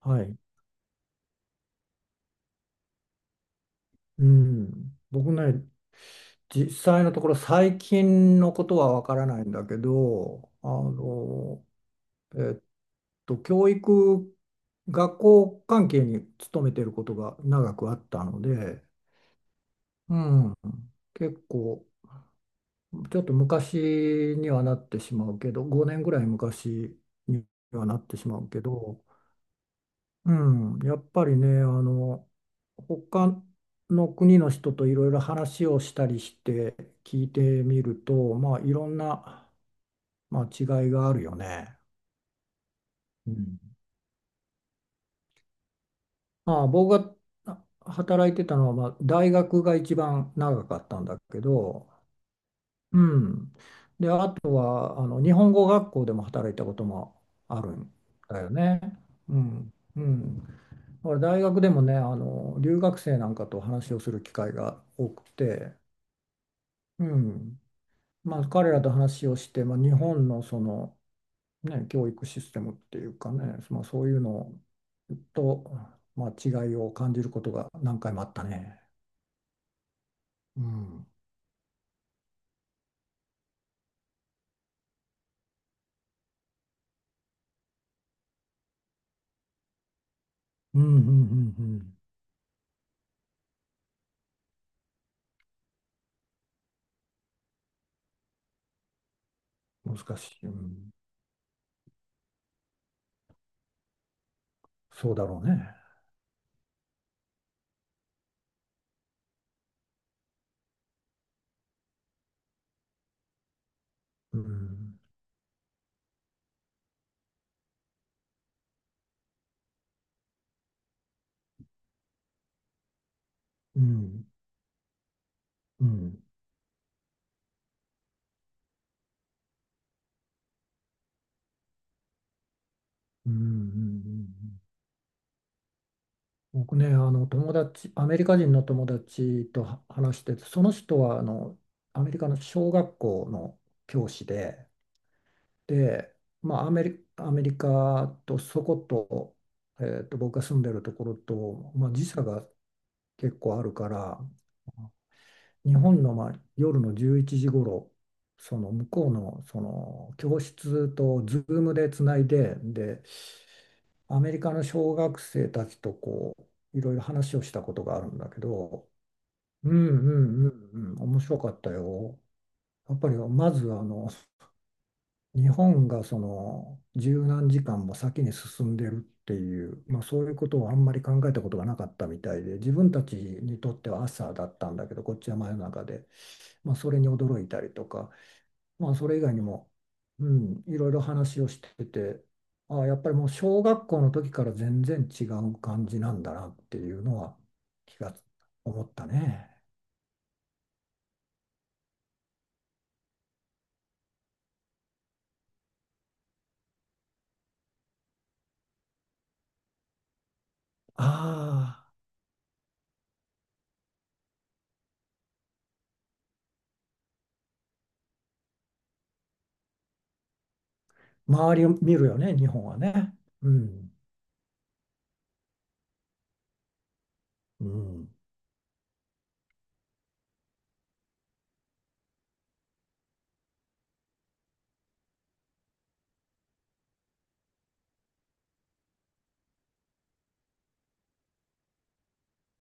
はい。うん。僕ね、実際のところ最近のことはわからないんだけど、えっ教育、学校関係に勤めてることが長くあったので、うん、結構、ちょっと昔にはなってしまうけど、5年ぐらい昔にはなってしまうけど、うやっぱりね、他の国の人といろいろ話をしたりして聞いてみると、まあ、いろんな、まあ、違いがあるよね。うん。まあ、僕が働いてたのは、まあ、大学が一番長かったんだけど、うん。で、あとは、あの、日本語学校でも働いたこともあるんだよね。うん。うん。だから大学でもね、あの留学生なんかと話をする機会が多くて、うん、まあ、彼らと話をして、まあ、日本のその、ね、教育システムっていうかね、まあ、そういうのと、まあ、違いを感じることが何回もあったね。うん、うん、うん、うん、うん難しい、うん、そうだろうね。うん、うん、うん、うん、うん、うん。うん、僕ね、あの友達、アメリカ人の友達とは話してて、その人はあのアメリカの小学校の教師で、で、まあ、アメリカとそこと、僕が住んでるところと、まあ、時差が結構あるから、日本の、まあ、夜の11時頃、その向こうの、その教室とズームでつないで、で、アメリカの小学生たちといろいろ話をしたことがあるんだけど、うんうんうんうん、面白かったよ。やっぱりまずあの、日本がその十何時間も先に進んでるっていう、まあ、そういうことをあんまり考えたことがなかったみたいで、自分たちにとっては朝だったんだけど、こっちは真夜中で、まあ、それに驚いたりとか、まあ、それ以外にも、うん、いろいろ話をしてて、ああ、やっぱりもう小学校の時から全然違う感じなんだなっていうのは気が思ったね。ああ、周りを見るよね、日本はね。うん、うん、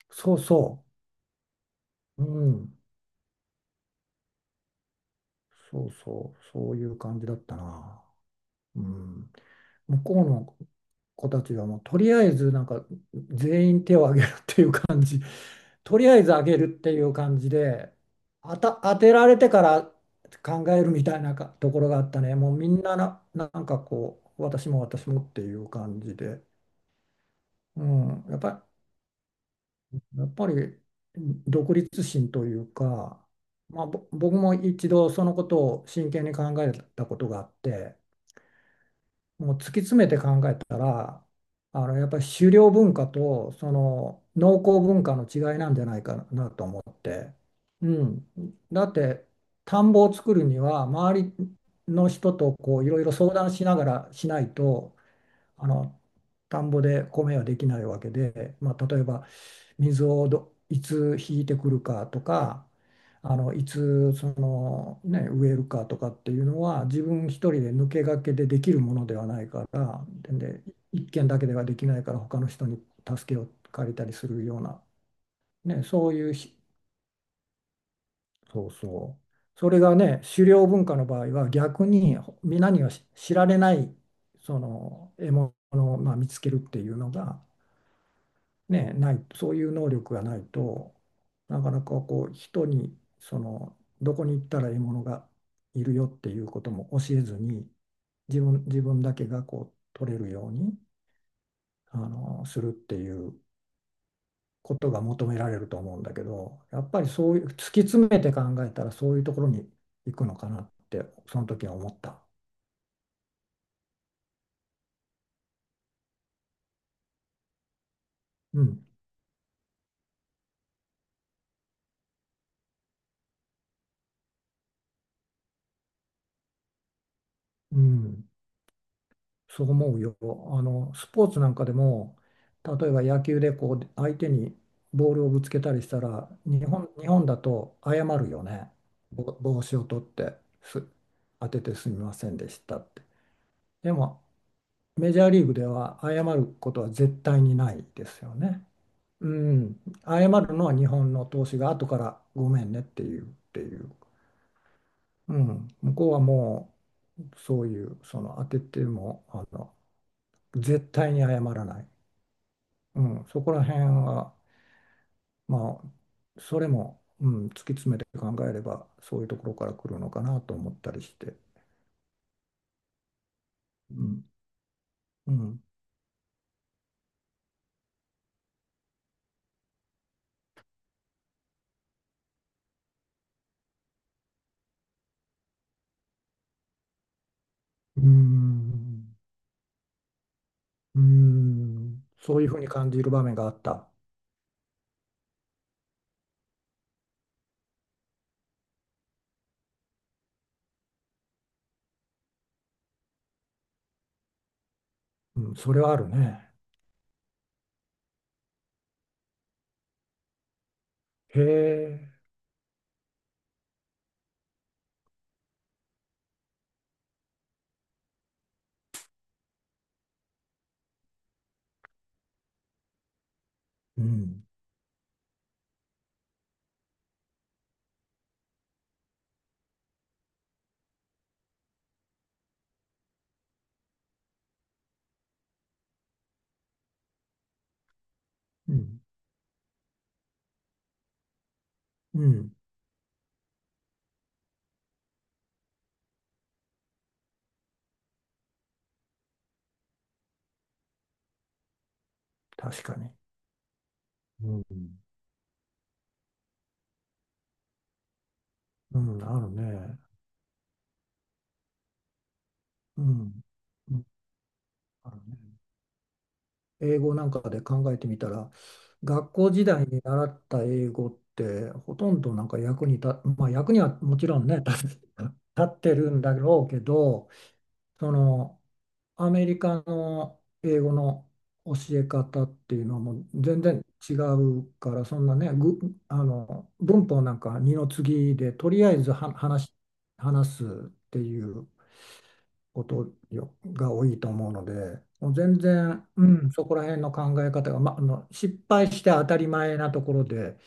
そうそう、うん、そうそう、そういう感じだったな。うん、向こうの子たちはもうとりあえずなんか全員手を挙げるっていう感じ、とりあえず挙げるっていう感じで、当てられてから考えるみたいなかところがあったね。もうみんな、なんかこう私も私もっていう感じで、うん、やっぱり独立心というか、まあ、僕も一度そのことを真剣に考えたことがあって。もう突き詰めて考えたら、あのやっぱり狩猟文化とその農耕文化の違いなんじゃないかなと思って。うん、だって田んぼを作るには周りの人とこういろいろ相談しながらしないと、あの田んぼで米はできないわけで、まあ、例えば水をどいつ引いてくるかとか、あのいつその、ね、植えるかとかっていうのは自分一人で抜け駆けでできるものではないからで、一軒だけではできないから他の人に助けを借りたりするような、ね、そういうしそうそう、それがね狩猟文化の場合は逆に皆には知られないその獲物を、まあ、見つけるっていうのがね、ないそういう能力がないとなかなかこう人にそのどこに行ったら獲物がいるよっていうことも教えずに、自分だけがこう取れるようにあのするっていうことが求められると思うんだけど、やっぱりそういう突き詰めて考えたらそういうところに行くのかなってその時は思った。うん、うん、そう思うよ。あの、スポーツなんかでも、例えば野球でこう相手にボールをぶつけたりしたら、日本だと謝るよね。帽子を取って、す、当ててすみませんでしたって。でも、メジャーリーグでは謝ることは絶対にないですよね。うん、謝るのは日本の投手が後からごめんねっていう、っていう。うん、向こうはもうそういう、その当てても、あの、絶対に謝らない。うん、そこら辺は、まあ、それも、うん、突き詰めて考えれば、そういうところから来るのかなと思ったりして、うん、うん、うん、うん、そういうふうに感じる場面があった。うん、それはあるね。へえ、うん、うん、うん、確かに。うんうん、あるね。うん、うん、あるね。英語なんかで考えてみたら、学校時代に習った英語ってほとんどなんか役に立、まあ役にはもちろんね、立ってるんだろうけど、そのアメリカの英語の教え方っていうのはもう全然違うから、そんなね、ぐ、あの文法なんか二の次でとりあえずは話すっていう。ことよが多いと思うので、もう全然、うん、そこら辺の考え方が、ま、あの失敗して当たり前なところで、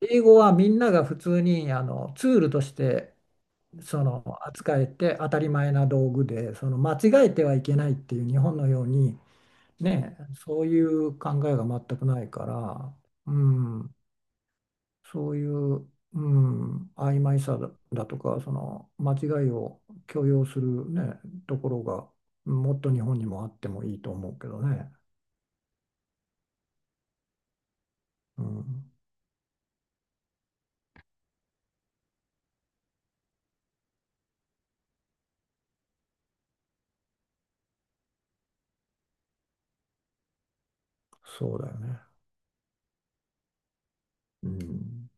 英語はみんなが普通にあのツールとしてその扱えて当たり前な道具で、その間違えてはいけないっていう日本のように、ね、そういう考えが全くないから、うん、そういう、うん、曖昧さだ、だとか、その間違いを許容するね、ところが、もっと日本にもあってもいいと思うけどね。うん、そうだよね。うん、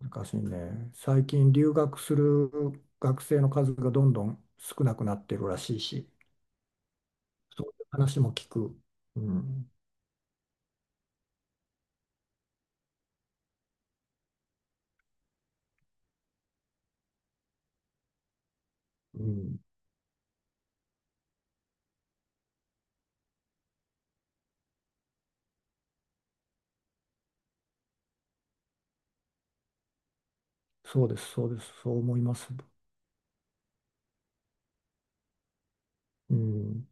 難しいね。最近留学する学生の数がどんどん少なくなってるらしいし、そういう話も聞く。うん、うん、そうです、そうです、そう思います。うん、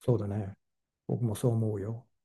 そうだね。僕もそう思うよ。